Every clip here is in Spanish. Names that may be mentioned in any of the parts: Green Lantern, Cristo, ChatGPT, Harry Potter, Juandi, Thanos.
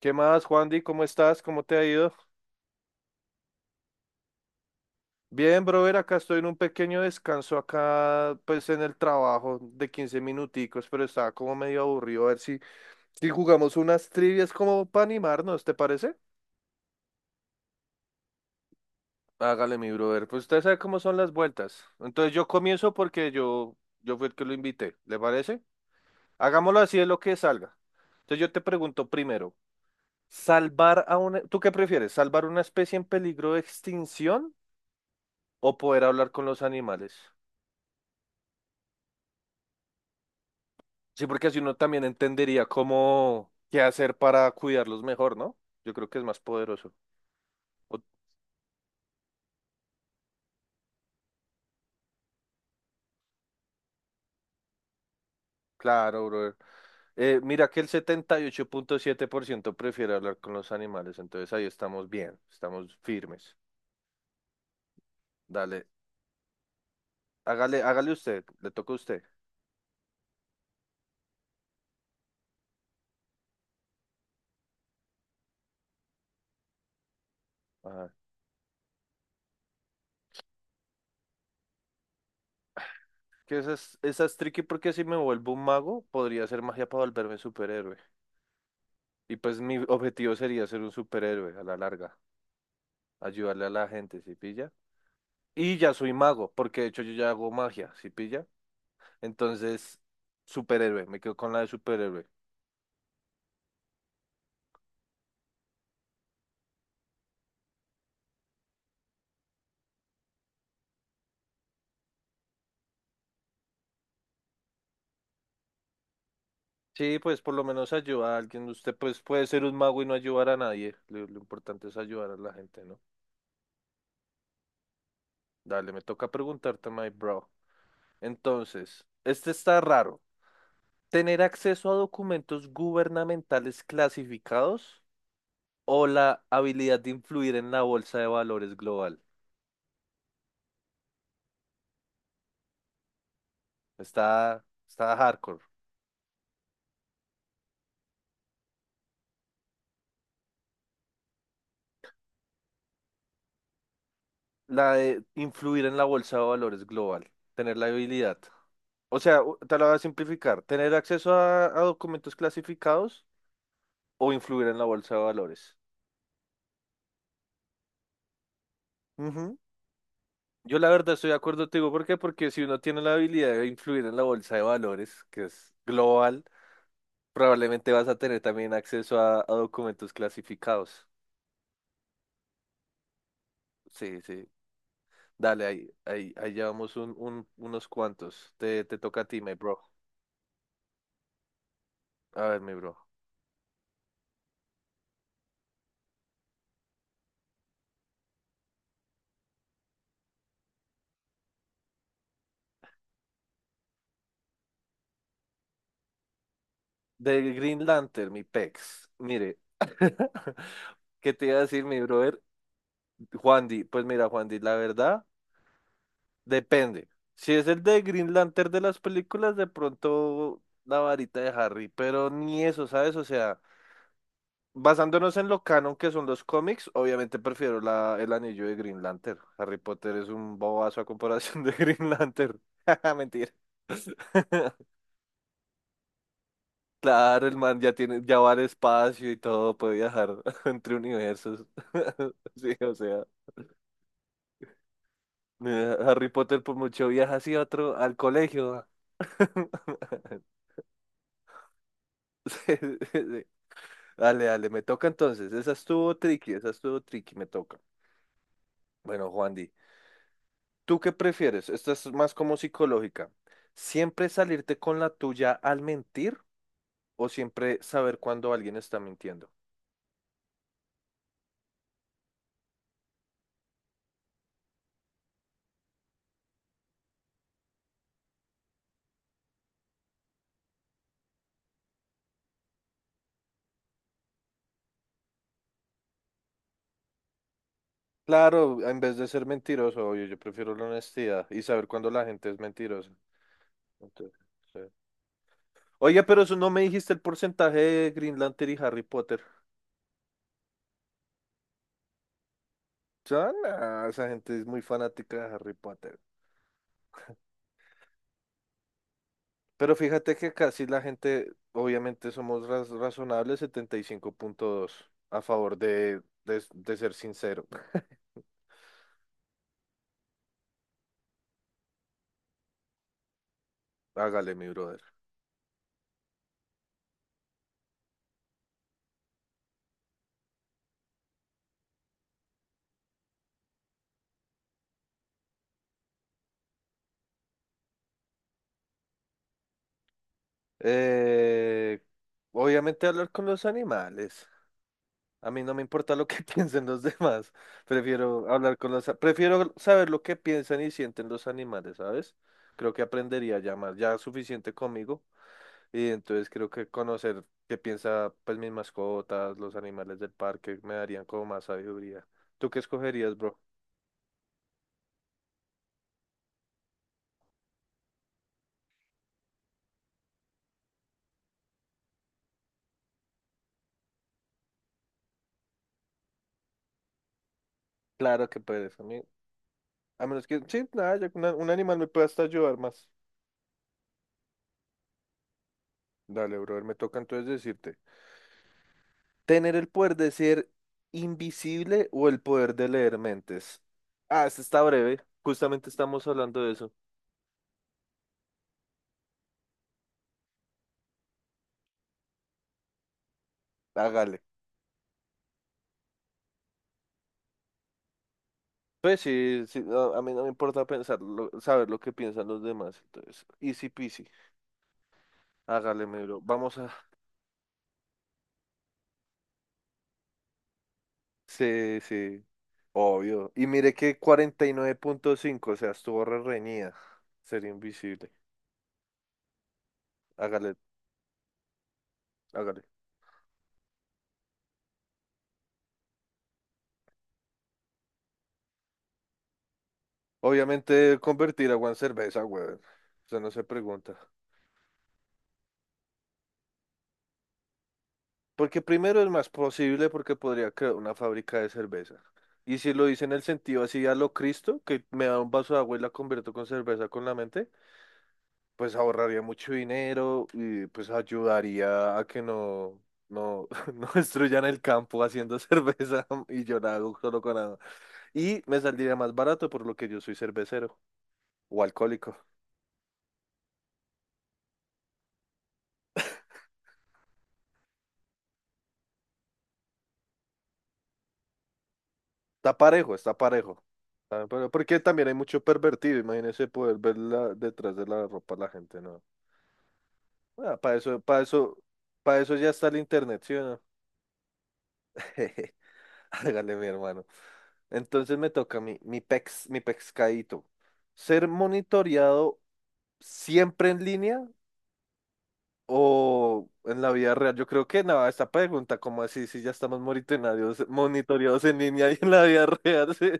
¿Qué más, Juandi? ¿Cómo estás? ¿Cómo te ha ido? Bien, brother, acá estoy en un pequeño descanso acá, pues en el trabajo de 15 minuticos, pero estaba como medio aburrido. A ver si jugamos unas trivias como para animarnos, ¿te parece? Hágale, mi brother. Pues usted sabe cómo son las vueltas. Entonces yo comienzo porque yo fui el que lo invité, ¿le parece? Hagámoslo así de lo que salga. Entonces yo te pregunto primero. ¿Tú qué prefieres? ¿Salvar una especie en peligro de extinción o poder hablar con los animales? Sí, porque así uno también entendería cómo qué hacer para cuidarlos mejor, ¿no? Yo creo que es más poderoso. O- claro, brother. Mira que el 78.7% prefiere hablar con los animales, entonces ahí estamos bien, estamos firmes. Dale, hágale, hágale usted, le toca a usted. Ajá. Que esa es tricky porque si me vuelvo un mago, podría hacer magia para volverme superhéroe. Y pues mi objetivo sería ser un superhéroe a la larga, ayudarle a la gente, ¿sí pilla? Y ya soy mago, porque de hecho yo ya hago magia, ¿sí pilla? Entonces, superhéroe, me quedo con la de superhéroe. Sí, pues por lo menos ayuda a alguien. Usted pues puede ser un mago y no ayudar a nadie. Lo importante es ayudar a la gente, ¿no? Dale, me toca preguntarte, my bro. Entonces, este está raro. ¿Tener acceso a documentos gubernamentales clasificados o la habilidad de influir en la bolsa de valores global? Está hardcore. La de influir en la bolsa de valores global, tener la habilidad. O sea, te la voy a simplificar, tener acceso a documentos clasificados o influir en la bolsa de valores. Ujú. Yo la verdad estoy de acuerdo, te digo, ¿por qué? Porque si uno tiene la habilidad de influir en la bolsa de valores, que es global, probablemente vas a tener también acceso a documentos clasificados. Sí, sí. Dale, ahí llevamos unos cuantos. Te toca a ti, mi bro. A ver, mi bro. De Green Lantern, mi pex. Mire, ¿qué te iba a decir, mi brother? Juandi, pues mira, Juandi, la verdad, depende. Si es el de Green Lantern de las películas, de pronto la varita de Harry, pero ni eso, ¿sabes? O sea, basándonos en lo canon que son los cómics, obviamente prefiero el anillo de Green Lantern. Harry Potter es un bobazo a comparación de Green Lantern. Mentira. Claro, el man ya tiene, ya va al espacio y todo, puede viajar entre universos. Sí, o sea, Harry Potter por mucho viaja así a otro, al colegio. Sí, sí, sí. Dale, dale, me toca entonces. Esa estuvo tricky, me toca. Bueno, Juandi, ¿tú qué prefieres? Esta es más como psicológica. ¿Siempre salirte con la tuya al mentir o siempre saber cuando alguien está mintiendo? Claro, en vez de ser mentiroso, obvio, yo prefiero la honestidad y saber cuándo la gente es mentirosa. Entonces, sí. Oye, pero eso no me dijiste el porcentaje de Green Lantern y Harry Potter. Ya, nah, esa gente es muy fanática de Harry Potter. Pero fíjate que casi la gente, obviamente somos razonables, 75.2 a favor de ser sincero. Hágale, mi brother. Eh, obviamente hablar con los animales. A mí no me importa lo que piensen los demás. Prefiero hablar con los... a- Prefiero saber lo que piensan y sienten los animales, ¿sabes? Creo que aprendería ya más, ya suficiente conmigo. Y entonces creo que conocer qué piensa, pues, mis mascotas, los animales del parque, me darían como más sabiduría. ¿Tú qué escogerías, bro? Claro que puedes. A mí, a menos que... Sí, nada, ya que un animal me puede hasta ayudar más. Dale, bro, me toca entonces decirte. Tener el poder de ser invisible o el poder de leer mentes. Ah, esta está breve. Justamente estamos hablando de eso. Hágale. Pues sí, sí, a mí no me importa pensar, saber lo que piensan los demás. Entonces, easy peasy. Hágale, mi bro. Vamos a. Sí, sí. Obvio. Y mire que 49.5, o sea, estuvo re reñida. Sería invisible. Hágale, hágale. Obviamente, convertir agua en cerveza, weón. Eso no se pregunta. Porque primero es más posible porque podría crear una fábrica de cerveza. Y si lo hice en el sentido así a lo Cristo, que me da un vaso de agua y la convierto con cerveza con la mente, pues ahorraría mucho dinero y pues ayudaría a que no, no destruyan el campo haciendo cerveza y yo la hago solo con agua. Y me saldría más barato por lo que yo soy cervecero o alcohólico. Está parejo, está parejo. Ah, porque también hay mucho pervertido, imagínese poder ver detrás de la ropa a la gente, ¿no? Ah, para eso ya está el internet, ¿sí o no? Hágale, mi hermano. Entonces me toca mi pex, mi pescadito. ¿Ser monitoreado siempre en línea o en la vida real? Yo creo que nada, esta pregunta, como así, si ya estamos monitoreados en línea y en la vida real. Sí.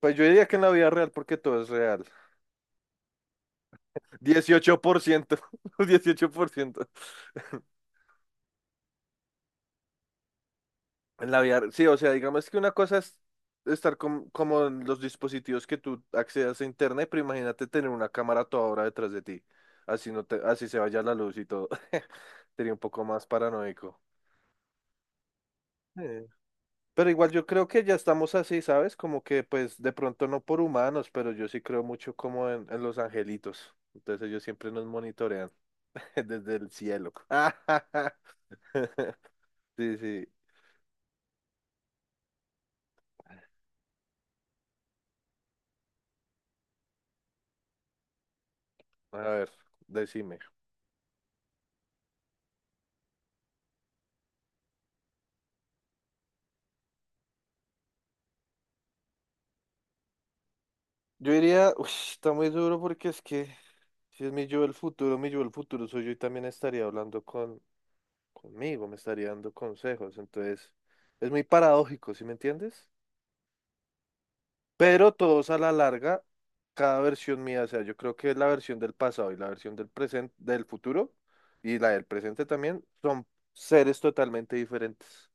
Pues yo diría que en la vida real porque todo es real. Dieciocho por ciento 18%. En la vida, sí, o sea, digamos que una cosa es como en los dispositivos que tú accedas a internet, pero imagínate tener una cámara a toda hora detrás de ti. Así no te, así se vaya la luz y todo. Sería un poco más paranoico. Eh, Pero igual yo creo que ya estamos así, ¿sabes? Como que pues de pronto no por humanos, pero yo sí creo mucho como en los angelitos. Entonces ellos siempre nos monitorean desde el cielo. Sí, sí. A ver, decime. Yo diría, uy, está muy duro porque es que si es mi yo del futuro, mi yo del futuro soy yo y también estaría hablando conmigo, me estaría dando consejos. Entonces, es muy paradójico, ¿sí me entiendes? Pero todos a la larga, cada versión mía, o sea, yo creo que la versión del pasado y la versión del presente, del futuro y la del presente también son seres totalmente diferentes.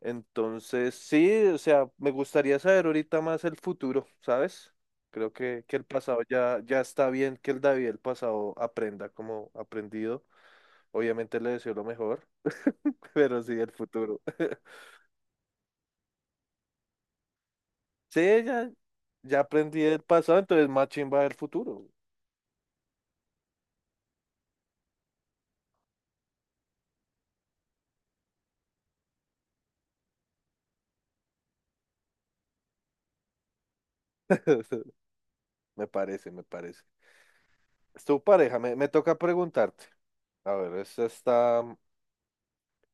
Entonces, sí, o sea, me gustaría saber ahorita más el futuro, ¿sabes? Creo que el pasado ya está bien, que el David del pasado aprenda como aprendido. Obviamente le deseo lo mejor, pero sí el futuro. Sí, ya aprendí del pasado, entonces más chimba del futuro. Me parece, me parece. Es tu pareja, me toca preguntarte. A ver, esta está.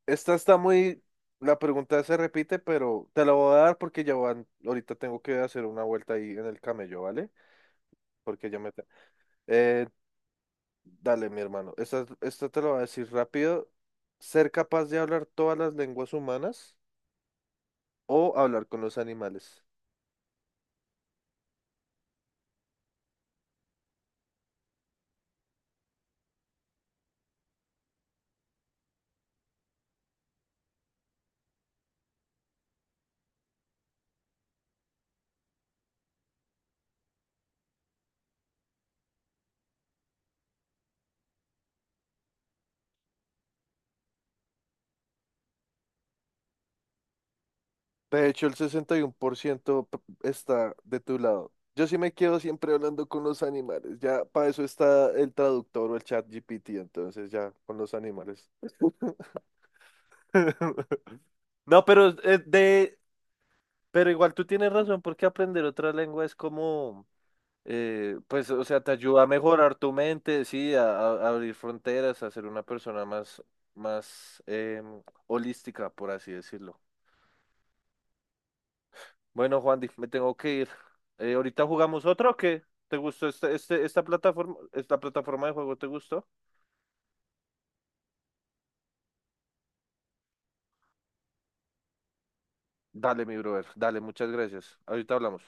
Esta está muy... La pregunta se repite, pero te la voy a dar porque ya van... Ahorita tengo que hacer una vuelta ahí en el camello, ¿vale? Porque ya me... Eh, dale, mi hermano. Esta te la voy a decir rápido. ¿Ser capaz de hablar todas las lenguas humanas o hablar con los animales? De hecho, el 61% está de tu lado. Yo sí me quedo siempre hablando con los animales. Ya para eso está el traductor o el chat GPT, entonces ya con los animales. No, pero de Pero igual tú tienes razón, porque aprender otra lengua es como, pues, o sea, te ayuda a mejorar tu mente, sí, a abrir fronteras, a ser una persona más holística, por así decirlo. Bueno, Juan, me tengo que ir. Ahorita jugamos otro, ¿o qué? ¿Te gustó esta plataforma de juego? ¿Te gustó? Dale, mi brother, dale, muchas gracias. Ahorita hablamos.